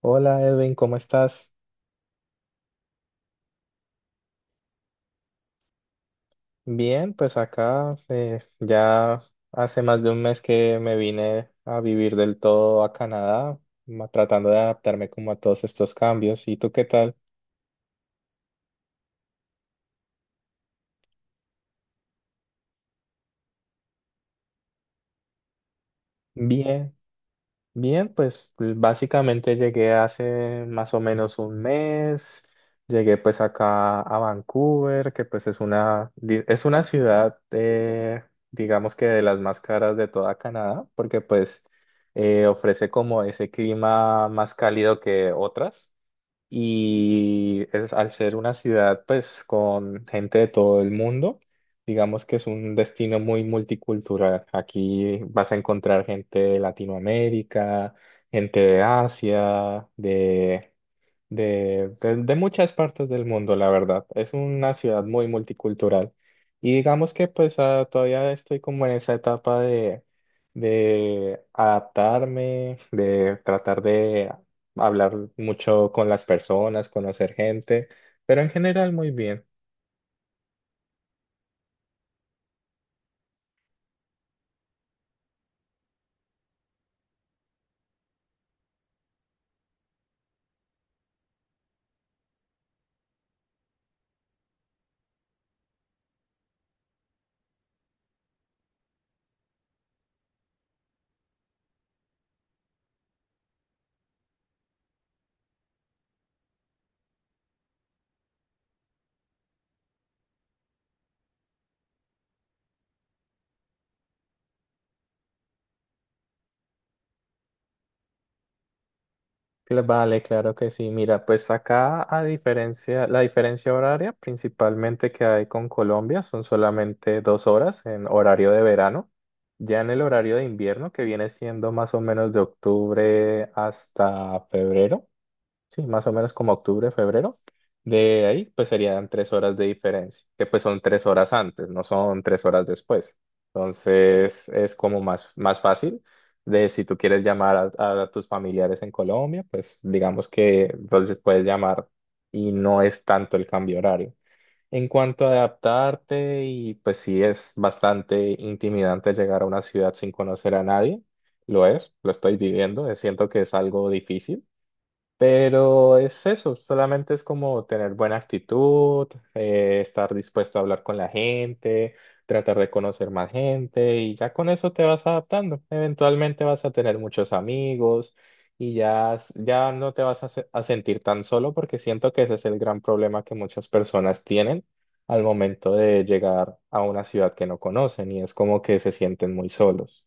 Hola Edwin, ¿cómo estás? Bien, pues acá ya hace más de un mes que me vine a vivir del todo a Canadá, tratando de adaptarme como a todos estos cambios. ¿Y tú qué tal? Bien. Bien, pues, básicamente llegué hace más o menos un mes, llegué pues acá a Vancouver, que pues es una, es una ciudad, digamos que de las más caras de toda Canadá, porque pues ofrece como ese clima más cálido que otras y es, al ser una ciudad pues con gente de todo el mundo, digamos que es un destino muy multicultural. Aquí vas a encontrar gente de Latinoamérica, gente de Asia, de, de muchas partes del mundo, la verdad. Es una ciudad muy multicultural. Y digamos que pues todavía estoy como en esa etapa de adaptarme, de tratar de hablar mucho con las personas, conocer gente, pero en general muy bien. Vale, claro que sí. Mira, pues acá a diferencia, la diferencia horaria principalmente que hay con Colombia son solamente dos horas en horario de verano. Ya en el horario de invierno, que viene siendo más o menos de octubre hasta febrero, sí, más o menos como octubre, febrero. De ahí, pues serían tres horas de diferencia, que pues son tres horas antes, no son tres horas después. Entonces es como más fácil de si tú quieres llamar a tus familiares en Colombia, pues digamos que entonces puedes llamar y no es tanto el cambio horario. En cuanto a adaptarte, y pues sí es bastante intimidante llegar a una ciudad sin conocer a nadie, lo es, lo estoy viviendo, siento que es algo difícil, pero es eso, solamente es como tener buena actitud, estar dispuesto a hablar con la gente, tratar de conocer más gente y ya con eso te vas adaptando. Eventualmente vas a tener muchos amigos y ya, ya no te vas a, a sentir tan solo porque siento que ese es el gran problema que muchas personas tienen al momento de llegar a una ciudad que no conocen y es como que se sienten muy solos.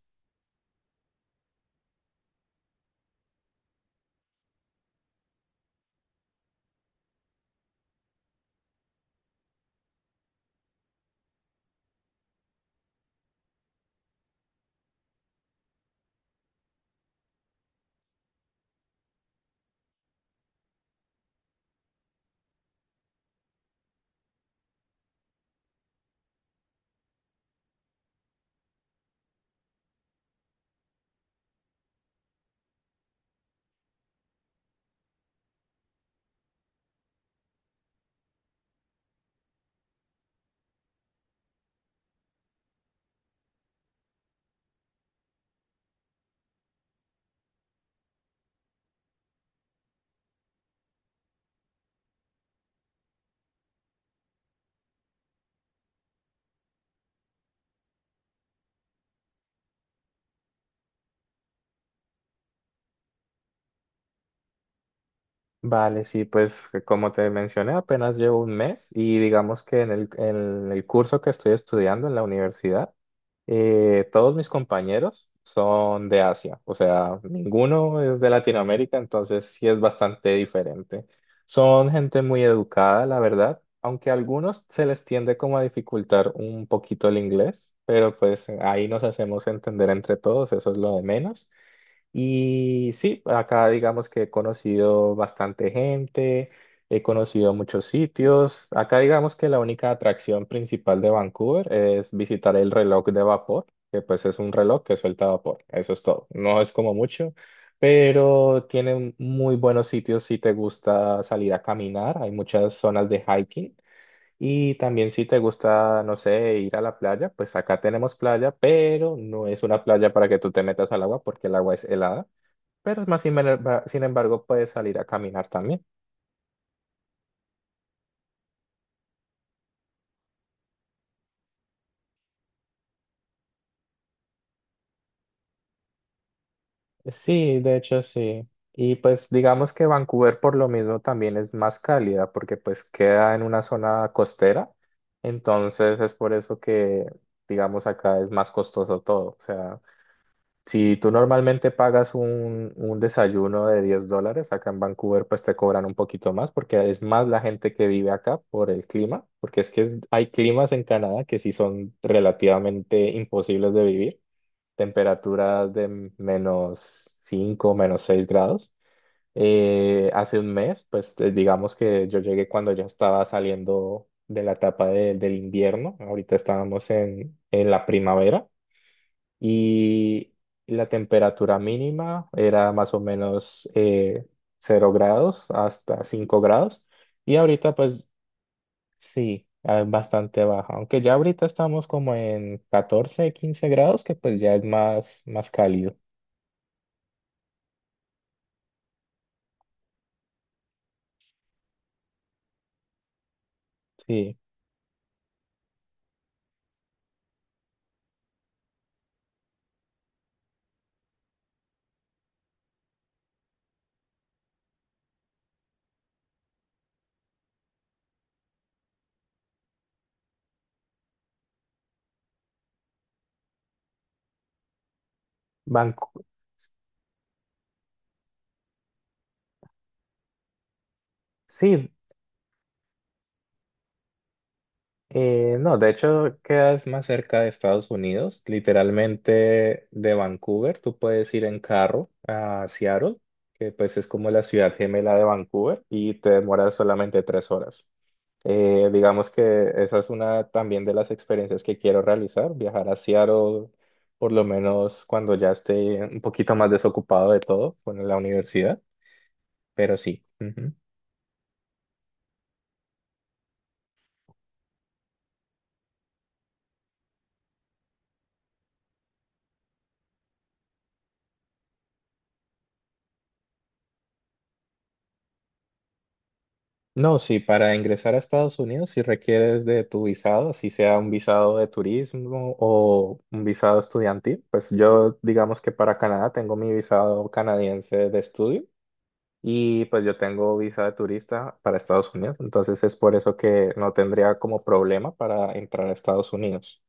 Vale, sí, pues que como te mencioné, apenas llevo un mes y digamos que en el curso que estoy estudiando en la universidad, todos mis compañeros son de Asia, o sea, ninguno es de Latinoamérica, entonces sí es bastante diferente. Son gente muy educada, la verdad, aunque a algunos se les tiende como a dificultar un poquito el inglés, pero pues ahí nos hacemos entender entre todos, eso es lo de menos. Y sí, acá digamos que he conocido bastante gente, he conocido muchos sitios. Acá digamos que la única atracción principal de Vancouver es visitar el reloj de vapor, que pues es un reloj que suelta vapor. Eso es todo. No es como mucho, pero tiene muy buenos sitios si te gusta salir a caminar. Hay muchas zonas de hiking. Y también si te gusta, no sé, ir a la playa, pues acá tenemos playa, pero no es una playa para que tú te metas al agua porque el agua es helada. Pero más sin embargo puedes salir a caminar también. Sí, de hecho sí. Y pues digamos que Vancouver por lo mismo también es más cálida porque pues queda en una zona costera. Entonces es por eso que digamos acá es más costoso todo. O sea, si tú normalmente pagas un desayuno de 10 dólares, acá en Vancouver pues te cobran un poquito más porque es más la gente que vive acá por el clima, porque es que hay climas en Canadá que sí son relativamente imposibles de vivir. Temperaturas de menos 5, menos 6 grados. Hace un mes, pues digamos que yo llegué cuando ya estaba saliendo de la etapa del invierno, ahorita estábamos en la primavera y la temperatura mínima era más o menos 0 grados hasta 5 grados y ahorita pues sí. Ah, bastante baja, aunque ya ahorita estamos como en 14, 15 grados, que pues ya es más cálido. Sí, Vancouver. Sí, no, de hecho quedas más cerca de Estados Unidos, literalmente de Vancouver. Tú puedes ir en carro a Seattle, que pues es como la ciudad gemela de Vancouver, y te demoras solamente tres horas. Digamos que esa es una también de las experiencias que quiero realizar, viajar a Seattle, por lo menos cuando ya esté un poquito más desocupado de todo con la universidad, pero sí. No, sí, para ingresar a Estados Unidos, si requieres de tu visado, si sea un visado de turismo o un visado estudiantil, pues yo digamos que para Canadá tengo mi visado canadiense de estudio y pues yo tengo visa de turista para Estados Unidos, entonces es por eso que no tendría como problema para entrar a Estados Unidos.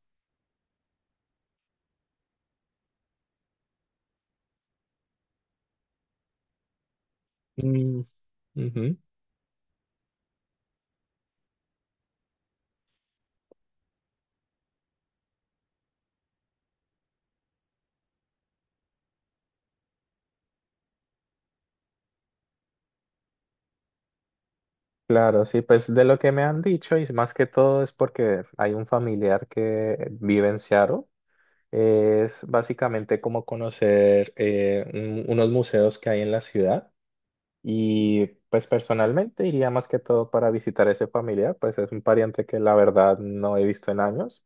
Mm, ujú. Claro, sí, pues de lo que me han dicho y más que todo es porque hay un familiar que vive en Seattle. Es básicamente como conocer unos museos que hay en la ciudad y pues personalmente iría más que todo para visitar a ese familiar, pues es un pariente que la verdad no he visto en años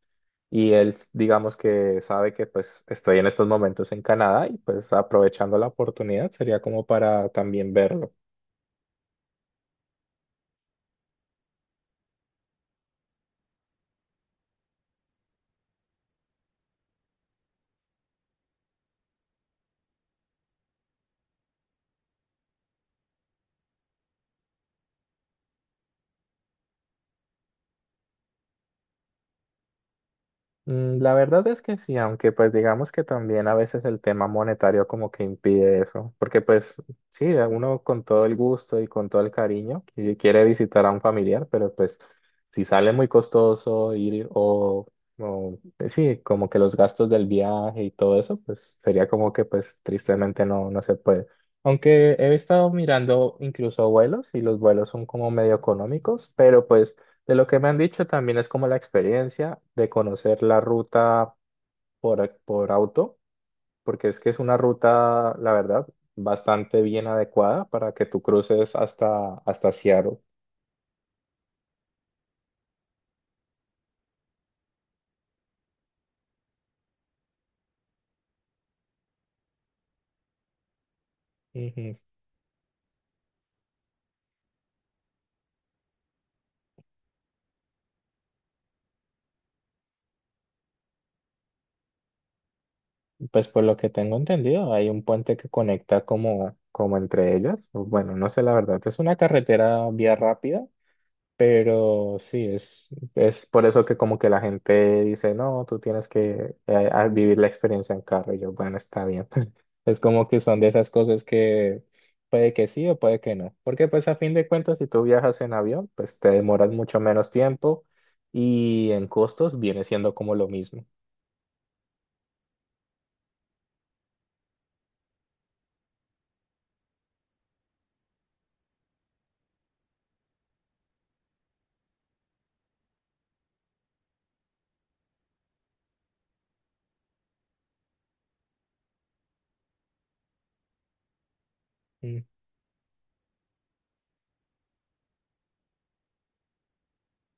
y él digamos que sabe que pues estoy en estos momentos en Canadá y pues aprovechando la oportunidad sería como para también verlo. Mm, la verdad es que sí, aunque pues digamos que también a veces el tema monetario como que impide eso, porque pues sí, uno con todo el gusto y con todo el cariño quiere visitar a un familiar, pero pues si sale muy costoso ir o, sí, como que los gastos del viaje y todo eso, pues sería como que pues tristemente no, no se puede. Aunque he estado mirando incluso vuelos y los vuelos son como medio económicos, pero pues... De lo que me han dicho también es como la experiencia de conocer la ruta por auto, porque es que es una ruta, la verdad, bastante bien adecuada para que tú cruces hasta, hasta Seattle. Ujú. Pues por lo que tengo entendido, hay un puente que conecta como, como entre ellas. Bueno, no sé la verdad, es una carretera vía rápida, pero sí, es por eso que como que la gente dice, no, tú tienes que vivir la experiencia en carro. Y yo, bueno, está bien. Es como que son de esas cosas que puede que sí o puede que no. Porque pues a fin de cuentas, si tú viajas en avión, pues te demoras mucho menos tiempo y en costos viene siendo como lo mismo. Mm.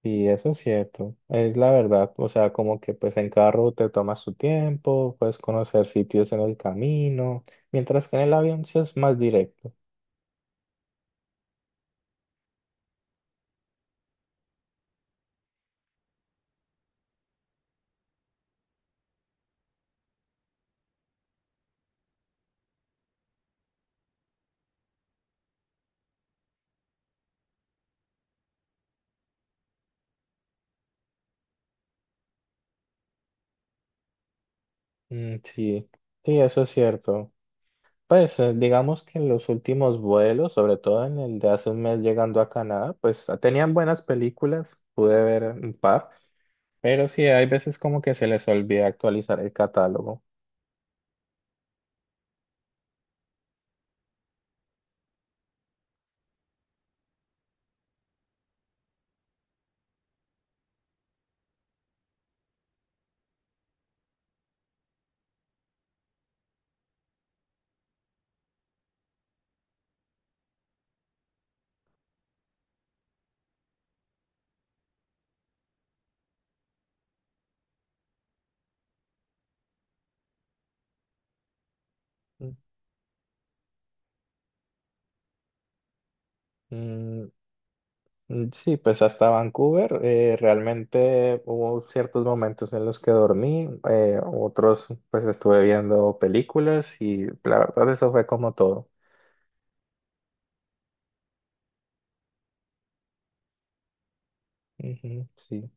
Y eso es cierto, es la verdad. O sea, como que pues en carro te tomas tu tiempo, puedes conocer sitios en el camino. Mientras que en el avión sí es más directo. Mm, sí, sí, eso es cierto. Pues digamos que en los últimos vuelos, sobre todo en el de hace un mes llegando a Canadá, pues tenían buenas películas, pude ver un par, pero sí, hay veces como que se les olvida actualizar el catálogo. Mm, mm, sí, pues hasta Vancouver realmente hubo ciertos momentos en los que dormí, otros pues estuve viendo películas y la verdad eso fue como todo. Ujú, sí.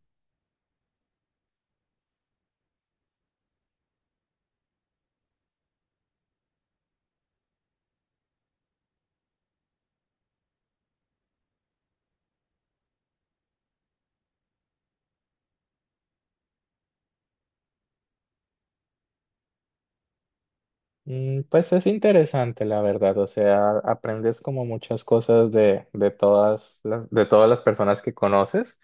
Mm, pues es interesante, la verdad. O sea, aprendes como muchas cosas de todas de todas las personas que conoces.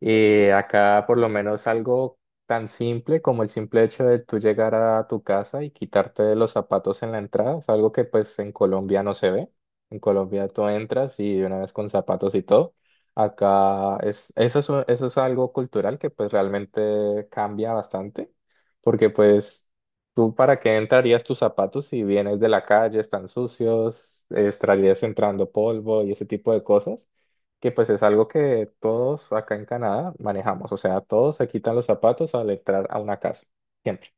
Y acá, por lo menos, algo tan simple como el simple hecho de tú llegar a tu casa y quitarte los zapatos en la entrada, es algo que pues en Colombia no se ve. En Colombia tú entras y de una vez con zapatos y todo. Acá es, eso es, eso es algo cultural que pues realmente cambia bastante, porque pues ¿tú para qué entrarías tus zapatos si vienes de la calle, están sucios, estarías entrando polvo y ese tipo de cosas? Que pues es algo que todos acá en Canadá manejamos, o sea, todos se quitan los zapatos al entrar a una casa, siempre.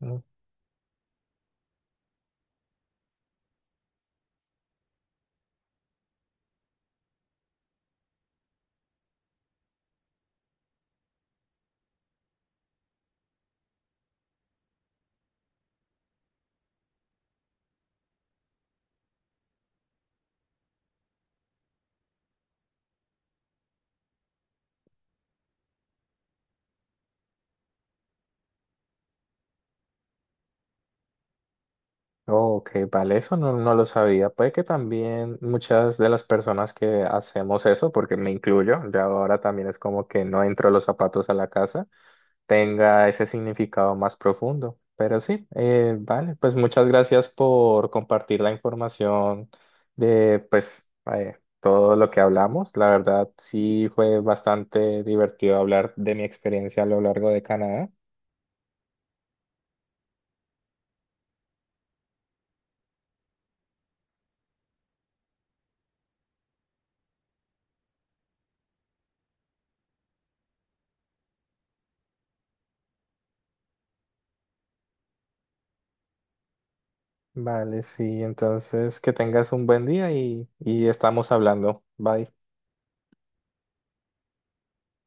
Mm. Ok, vale, eso no, no lo sabía. Puede que también muchas de las personas que hacemos eso, porque me incluyo, ya ahora también es como que no entro los zapatos a la casa, tenga ese significado más profundo. Pero sí, vale, pues muchas gracias por compartir la información de pues todo lo que hablamos. La verdad, sí fue bastante divertido hablar de mi experiencia a lo largo de Canadá. Vale, sí, entonces que tengas un buen día y estamos hablando. Bye.